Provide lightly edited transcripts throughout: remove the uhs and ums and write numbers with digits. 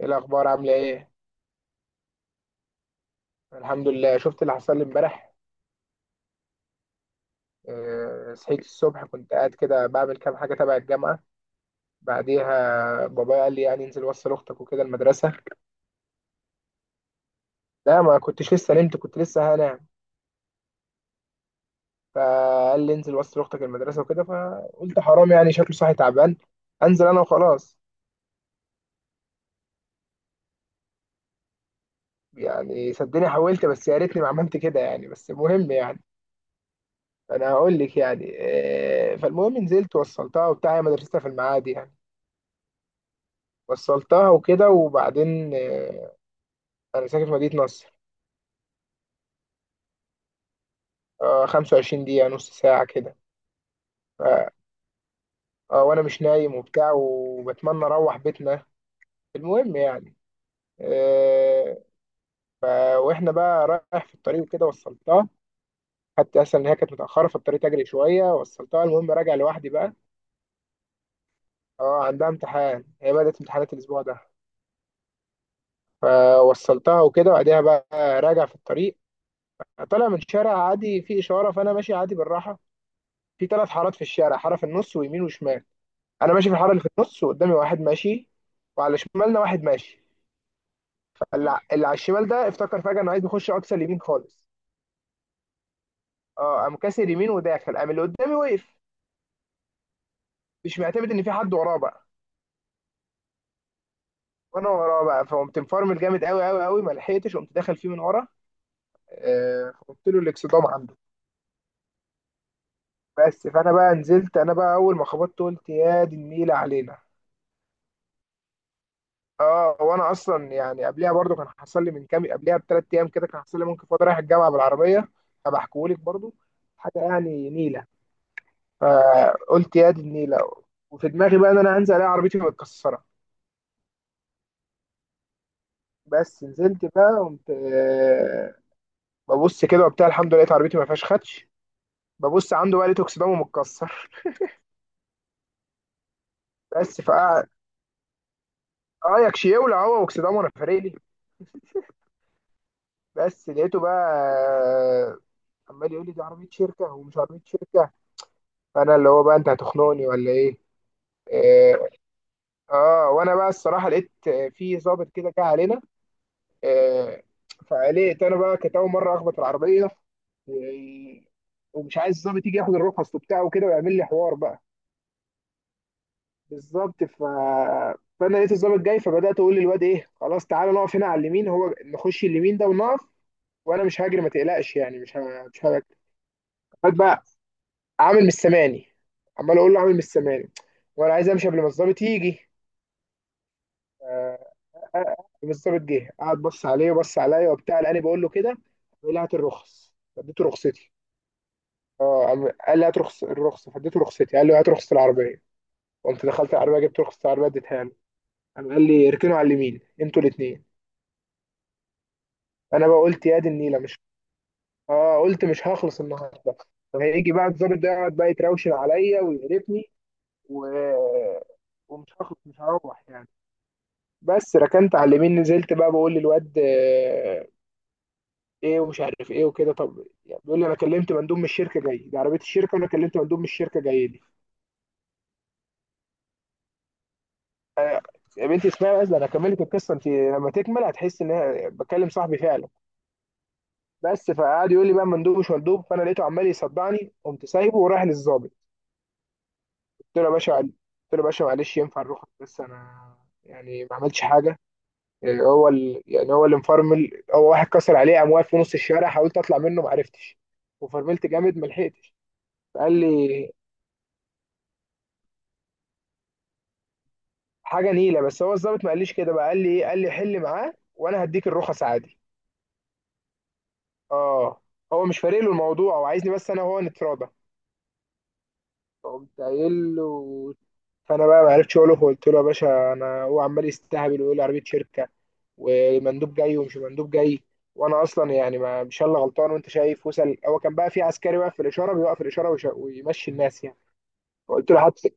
ايه الاخبار؟ عامله ايه؟ الحمد لله. شفت اللي حصل لي امبارح. آه، صحيت الصبح كنت قاعد كده بعمل كام حاجه تبع الجامعه. بعديها بابايا قال لي يعني انزل وصل اختك وكده المدرسه. لا، ما كنتش لسه نمت، كنت لسه هنام. فقال لي انزل وصل اختك المدرسه وكده، فقلت حرام يعني شكله صاحي تعبان، انزل انا وخلاص. يعني صدقني حاولت، بس يا ريتني ما عملت كده يعني، بس مهم يعني. انا هقول لك يعني فالمهم نزلت وصلتها وبتاع، هي مدرستها في المعادي يعني. وصلتها وكده وبعدين انا ساكن في مدينة نصر. آه، 25 دقيقة نص ساعة كده. آه. وانا مش نايم وبتاع وبتمنى اروح بيتنا. المهم يعني. آه. ف- واحنا بقى رايح في الطريق وكده وصلتها، حتى اصلا ان هي كانت متأخرة في الطريق، تجري شوية، وصلتها. المهم راجع لوحدي بقى. اه عندها امتحان، هي بدأت امتحانات الاسبوع ده. فوصلتها وكده وبعدها بقى راجع في الطريق، طالع من شارع عادي فيه إشارة، فأنا ماشي عادي بالراحة. في ثلاث حارات في الشارع، حارة في النص ويمين وشمال. انا ماشي في الحاره اللي في النص، وقدامي واحد ماشي، وعلى شمالنا واحد ماشي. فاللي على الشمال ده افتكر فجاه انه عايز يخش اقصى اليمين خالص. اه قام كاسر يمين وداخل، قام اللي قدامي وقف، مش معتمد ان في حد وراه بقى. وانا وراه بقى، فقمت مفرمل جامد قوي قوي قوي، ما لحقتش، قمت داخل فيه من ورا. فقلت له الاكسدام عنده. بس فانا بقى نزلت، انا بقى اول ما خبطت قلت يا دي النيله علينا. اه وانا اصلا يعني قبلها برضو كان حصل لي من كام، قبلها بثلاث ايام كده كان حصل لي، ممكن فاضي رايح الجامعه بالعربيه، فبحكيهولك برضو حاجه يعني نيله. فقلت يا دي النيله، وفي دماغي بقى ان انا هنزل الاقي عربيتي متكسره. بس نزلت بقى قمت ببص كده وبتاع، الحمد لله لقيت عربيتي ما فيهاش خدش. ببص عنده بقى، لقيته اكسدامه متكسر. بس فقعد، اه يكشي يولع هو واكسدامه، انا فارق لي؟ بس لقيته بقى آه، عمال يقول لي دي عربيه شركه ومش عربيه شركه، فانا اللي هو بقى انت هتخنقني ولا ايه؟ اه. وانا بقى الصراحه لقيت في ظابط كده جه علينا. آه. فقلقت انا بقى، كانت اول مره اخبط العربيه، و... ومش عايز الظابط يجي ياخد الرخص وبتاعه وكده ويعمل لي حوار بقى. بالظبط. فانا لقيت الظابط جاي، فبدات اقول للواد ايه خلاص تعالى نقف هنا على اليمين، هو نخش اليمين ده ونقف، وانا مش هاجري ما تقلقش يعني، مش مش هاجري. الواد بقى عامل مش سامعني، عمال اقول له، عامل مش سامعني، وانا عايز امشي قبل ما الظابط يجي. آه، بالظبط جه، قعد بص عليه وبص عليا وبتاع، لاني بقول له كده. بيقول لي هات الرخص، فاديته رخصتي. اه قال لي هات رخص الرخصه، فاديته رخصتي. قال لي هات رخصه العربيه، قمت دخلت العربيه جبت رخصه العربيه اديتها له. قام قال لي اركنوا على اليمين انتوا الاثنين. انا بقى قلت يا دي النيله، مش. اه قلت مش هخلص النهارده، فهيجي بقى الضابط ده يقعد بقى يتراوشن عليا ويقرفني، و... ومش هخلص، مش هروح يعني. بس ركنت على اليمين، نزلت بقى بقول للواد ايه، ومش عارف ايه وكده، طب يعني بيقول لي انا كلمت مندوب من الشركه جاي، دي عربيه الشركه وانا كلمت مندوب من الشركه جاي لي. يا بنتي اسمعي بس، ده انا كملت القصه، انت لما تكمل هتحس ان انا بكلم صاحبي فعلا. بس فقعد يقول لي بقى مندوب مش مندوب، فانا لقيته عمال يصدعني، قمت سايبه ورايح للظابط. قلت له يا باشا، معلش ينفع نروح، بس انا يعني ما عملتش حاجه، يعني هو يعني هو اللي مفرمل، هو واحد كسر عليه قام واقف في نص الشارع، حاولت اطلع منه ما عرفتش، وفرملت جامد ما لحقتش. فقال لي حاجه نيله، بس هو الظابط ما قاليش كده بقى، قال لي ايه، قال لي حل معاه وانا هديك الرخص عادي. اه، هو مش فارق له الموضوع، هو عايزني بس انا وهو نتراضى. فقمت قايل له، فانا بقى ما عرفتش اقول له، قلت له يا باشا انا هو عمال يستهبل ويقول لي عربيه شركه، ومندوب جاي ومش مندوب جاي، وانا اصلا يعني ما مش انا اللي غلطان، وانت شايف وصل، هو كان بقى في عسكري واقف في الاشاره بيوقف الاشاره ويمشي الناس يعني. فقلت له حتى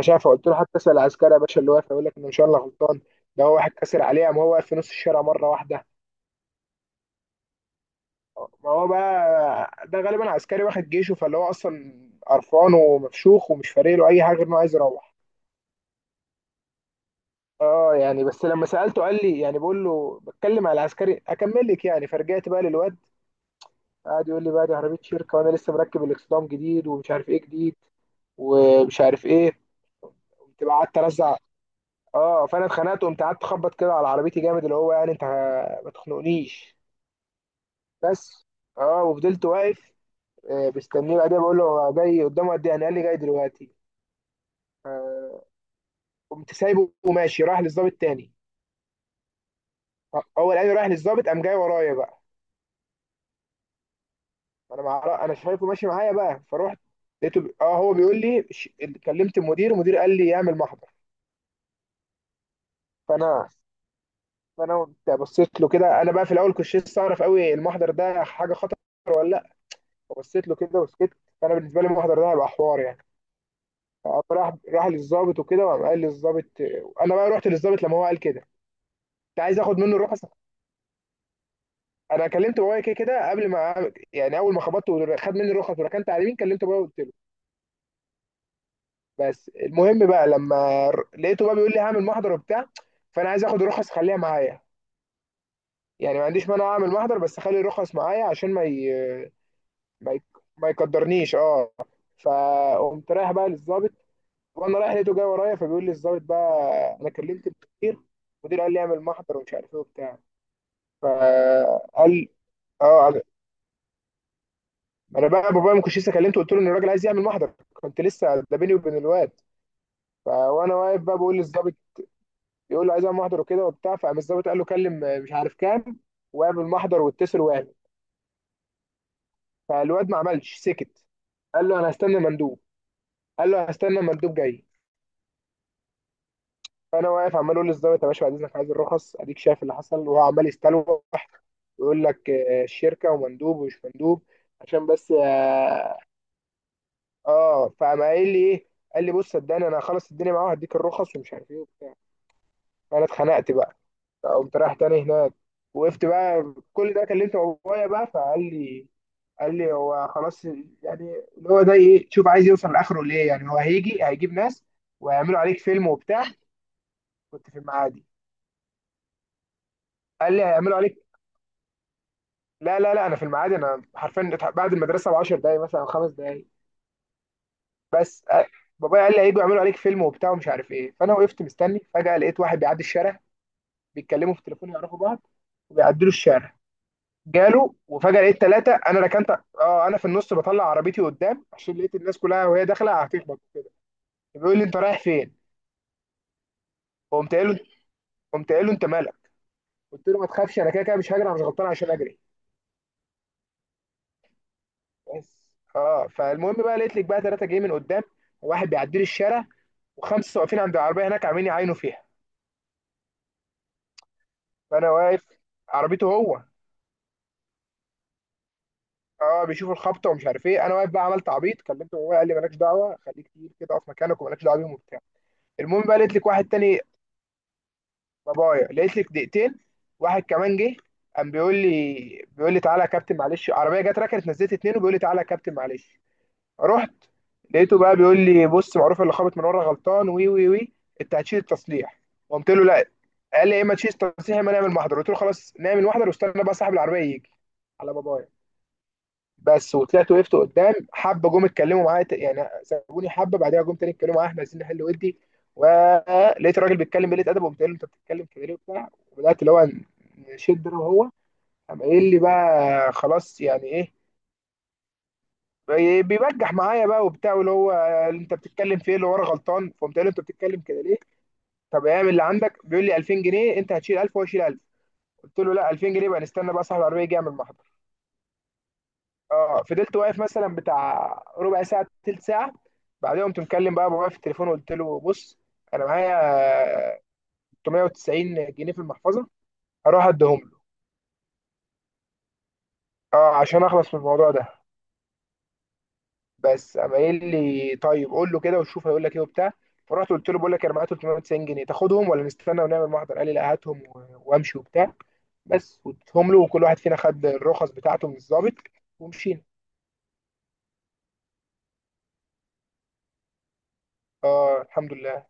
شايف، قلت له حتى اسال العسكري يا باشا اللي واقف يقول لك ان مش انا اللي غلطان، ده هو واحد كسر عليه قام هو واقف في نص الشارع مره واحده. ما هو بقى ده غالبا عسكري واحد جيشه، فاللي هو اصلا قرفان ومفشوخ ومش فارق له اي حاجه غير انه عايز يروح. اه يعني، بس لما سالته قال لي يعني، بقول له بتكلم على العسكري، اكمل لك يعني. فرجعت بقى للواد، قعد يقول لي بقى دي عربيه شركه، وانا لسه مركب الاكسدام جديد، ومش عارف ايه جديد، ومش عارف ايه. قمت بقى قعدت ارزع. اه، فانا اتخنقت وقمت قعدت اخبط كده على عربيتي جامد، اللي هو يعني انت ما تخنقنيش. بس اه، وفضلت واقف مستنيه. بعدين بقول له جاي قدامه قد ايه يعني، قال لي جاي دلوقتي. قمت سايبه وماشي رايح للظابط تاني. هو لقاني رايح للظابط، قام جاي ورايا بقى. انا انا شايفه ماشي معايا بقى، فروحت لقيته اه هو بيقول لي كلمت المدير، المدير قال لي اعمل محضر. فانا فانا قمت بصيت له كده، انا بقى في الاول كنت لسه اعرف قوي المحضر ده حاجه خطر ولا لا. فبصيت له كده وسكت، فانا بالنسبه لي المحضر ده هيبقى حوار يعني. فقام راح للظابط وكده، وقام قال للظابط، انا بقى رحت للظابط لما هو قال كده، كنت عايز اخد منه الرخص. انا كلمت بابايا كده كده قبل ما يعني اول ما خبطت وخد مني الرخص وركنت على اليمين كلمت بابايا وقلت له. بس المهم بقى لما لقيته بقى بيقول لي هعمل محضر وبتاع، فانا عايز اخد الرخص خليها معايا، يعني ما عنديش مانع اعمل محضر بس خلي الرخص معايا عشان ما ما, ي... ما يقدرنيش. اه. فقمت رايح بقى للظابط، وانا رايح لقيته جاي ورايا، فبيقول لي الظابط بقى انا كلمت المدير، المدير قال لي اعمل محضر ومش عارف ايه وبتاع. فقال. اه انا بقى بابايا ما كنتش لسه كلمته، قلت له ان الراجل عايز يعمل محضر، كنت لسه ده بيني وبين الواد. وانا واقف بقى بقول للظابط، يقول له عايز اعمل محضر وكده وبتاع، فقام الظابط قال له كلم مش عارف كام، واعمل محضر واتصل واعمل. فالواد ما عملش، سكت، قال له انا هستنى مندوب، قال له هستنى مندوب جاي. فانا واقف عمال اقول للظابط يا باشا بعد اذنك عايز الرخص، اديك شايف اللي حصل، وهو عمال يستلوح ويقول لك الشركه ومندوب ومش مندوب، عشان بس اه. آه. فقام قايل لي ايه، قال لي بص صدقني انا هخلص الدنيا معاه وهديك الرخص ومش عارف ايه وبتاع. فانا اتخنقت بقى، فقمت رايح تاني هناك، وقفت بقى. كل ده كلمت بابايا بقى، فقال لي، قال لي هو خلاص يعني اللي هو ده ايه، شوف عايز يوصل لاخره ليه، يعني هو هيجي هيجيب ناس وهيعملوا عليك فيلم وبتاع. كنت في المعادي. قال لي هيعملوا عليك. لا لا لا انا في المعادي، انا حرفيا بعد المدرسه ب 10 دقايق مثلا او خمس دقايق. بس بابايا قال لي هيجوا يعملوا عليك فيلم وبتاع ومش عارف ايه. فانا وقفت مستني، فجاه لقيت واحد بيعدي الشارع، بيتكلموا في التليفون يعرفوا بعض، وبيعدلوا الشارع. جاله، وفجأة لقيت ثلاثة. انا ركنت، اه انا في النص، بطلع عربيتي قدام عشان لقيت الناس كلها وهي داخلة هتخبط كده. بيقول لي انت رايح فين؟ قمت قايل له قمت قايل له انت مالك؟ قلت له ما تخافش انا كده كده مش هجري، انا مش غلطان عشان اجري. بس اه، فالمهم بقى لقيت لك بقى ثلاثة جايين من قدام، وواحد بيعدي لي الشارع، وخمسة واقفين عند العربية هناك عاملين يعاينوا فيها. فانا واقف، عربيته هو. اه بيشوفوا الخبطة ومش عارف ايه. انا واقف بقى، عملت عبيط كلمته، وهو قال لي مالكش دعوة، خليك تقيل كده، اقف مكانك ومالكش دعوة بيهم وبتاع. المهم بقى لقيت لك واحد تاني، بابايا لقيت لك دقيقتين، واحد كمان جه، قام بيقول لي تعالى يا كابتن معلش، عربيه جت ركنت نزلت اتنين وبيقول لي تعالى يا كابتن معلش. رحت لقيته بقى بيقول لي بص معروف اللي خابط من ورا غلطان، وي وي وي، انت هتشيل التصليح. قمت له لا. قال لي يا اما تشيل التصليح يا اما نعمل محضر، قلت له خلاص نعمل محضر واستنى بقى صاحب العربيه يجي، على بابايا. بس. وطلعت وقفت قدام، حبه جم اتكلموا معايا يعني سابوني حبه، بعدها جم تاني اتكلموا معايا احنا عايزين نحل ودي، ولقيت الراجل بيتكلم قله ادب، وقلت له انت بتتكلم كده ليه وبتاع، وبدات اللي هو نشد انا وهو. قام قايل لي بقى خلاص يعني ايه، بيبجح معايا بقى وبتاع، واللي هو انت بتتكلم في ايه، اللي ورا غلطان. فقمت قايل له انت بتتكلم كده ليه، طب اعمل اللي عندك. بيقول لي 2000 جنيه، انت هتشيل 1000 وهو يشيل 1000. قلت له لا، 2000 جنيه بقى نستنى بقى صاحب العربيه يجي يعمل محضر. اه، فضلت واقف مثلا بتاع ربع ساعه تلت ساعه. بعدين قمت مكلم بقى بابايا في التليفون وقلت له بص، انا معايا 390 جنيه في المحفظه، هروح اديهم له، اه عشان اخلص من الموضوع ده. بس قام قايل لي طيب قول له كده وشوف هيقول لك ايه وبتاع. فرحت قلت له بقول لك انا معايا 390 جنيه، تاخدهم ولا نستنى ونعمل محضر، قال لي لا هاتهم وامشي وبتاع. بس واديتهم له، وكل واحد فينا خد الرخص بتاعته من الضابط ومشينا. اه الحمد لله.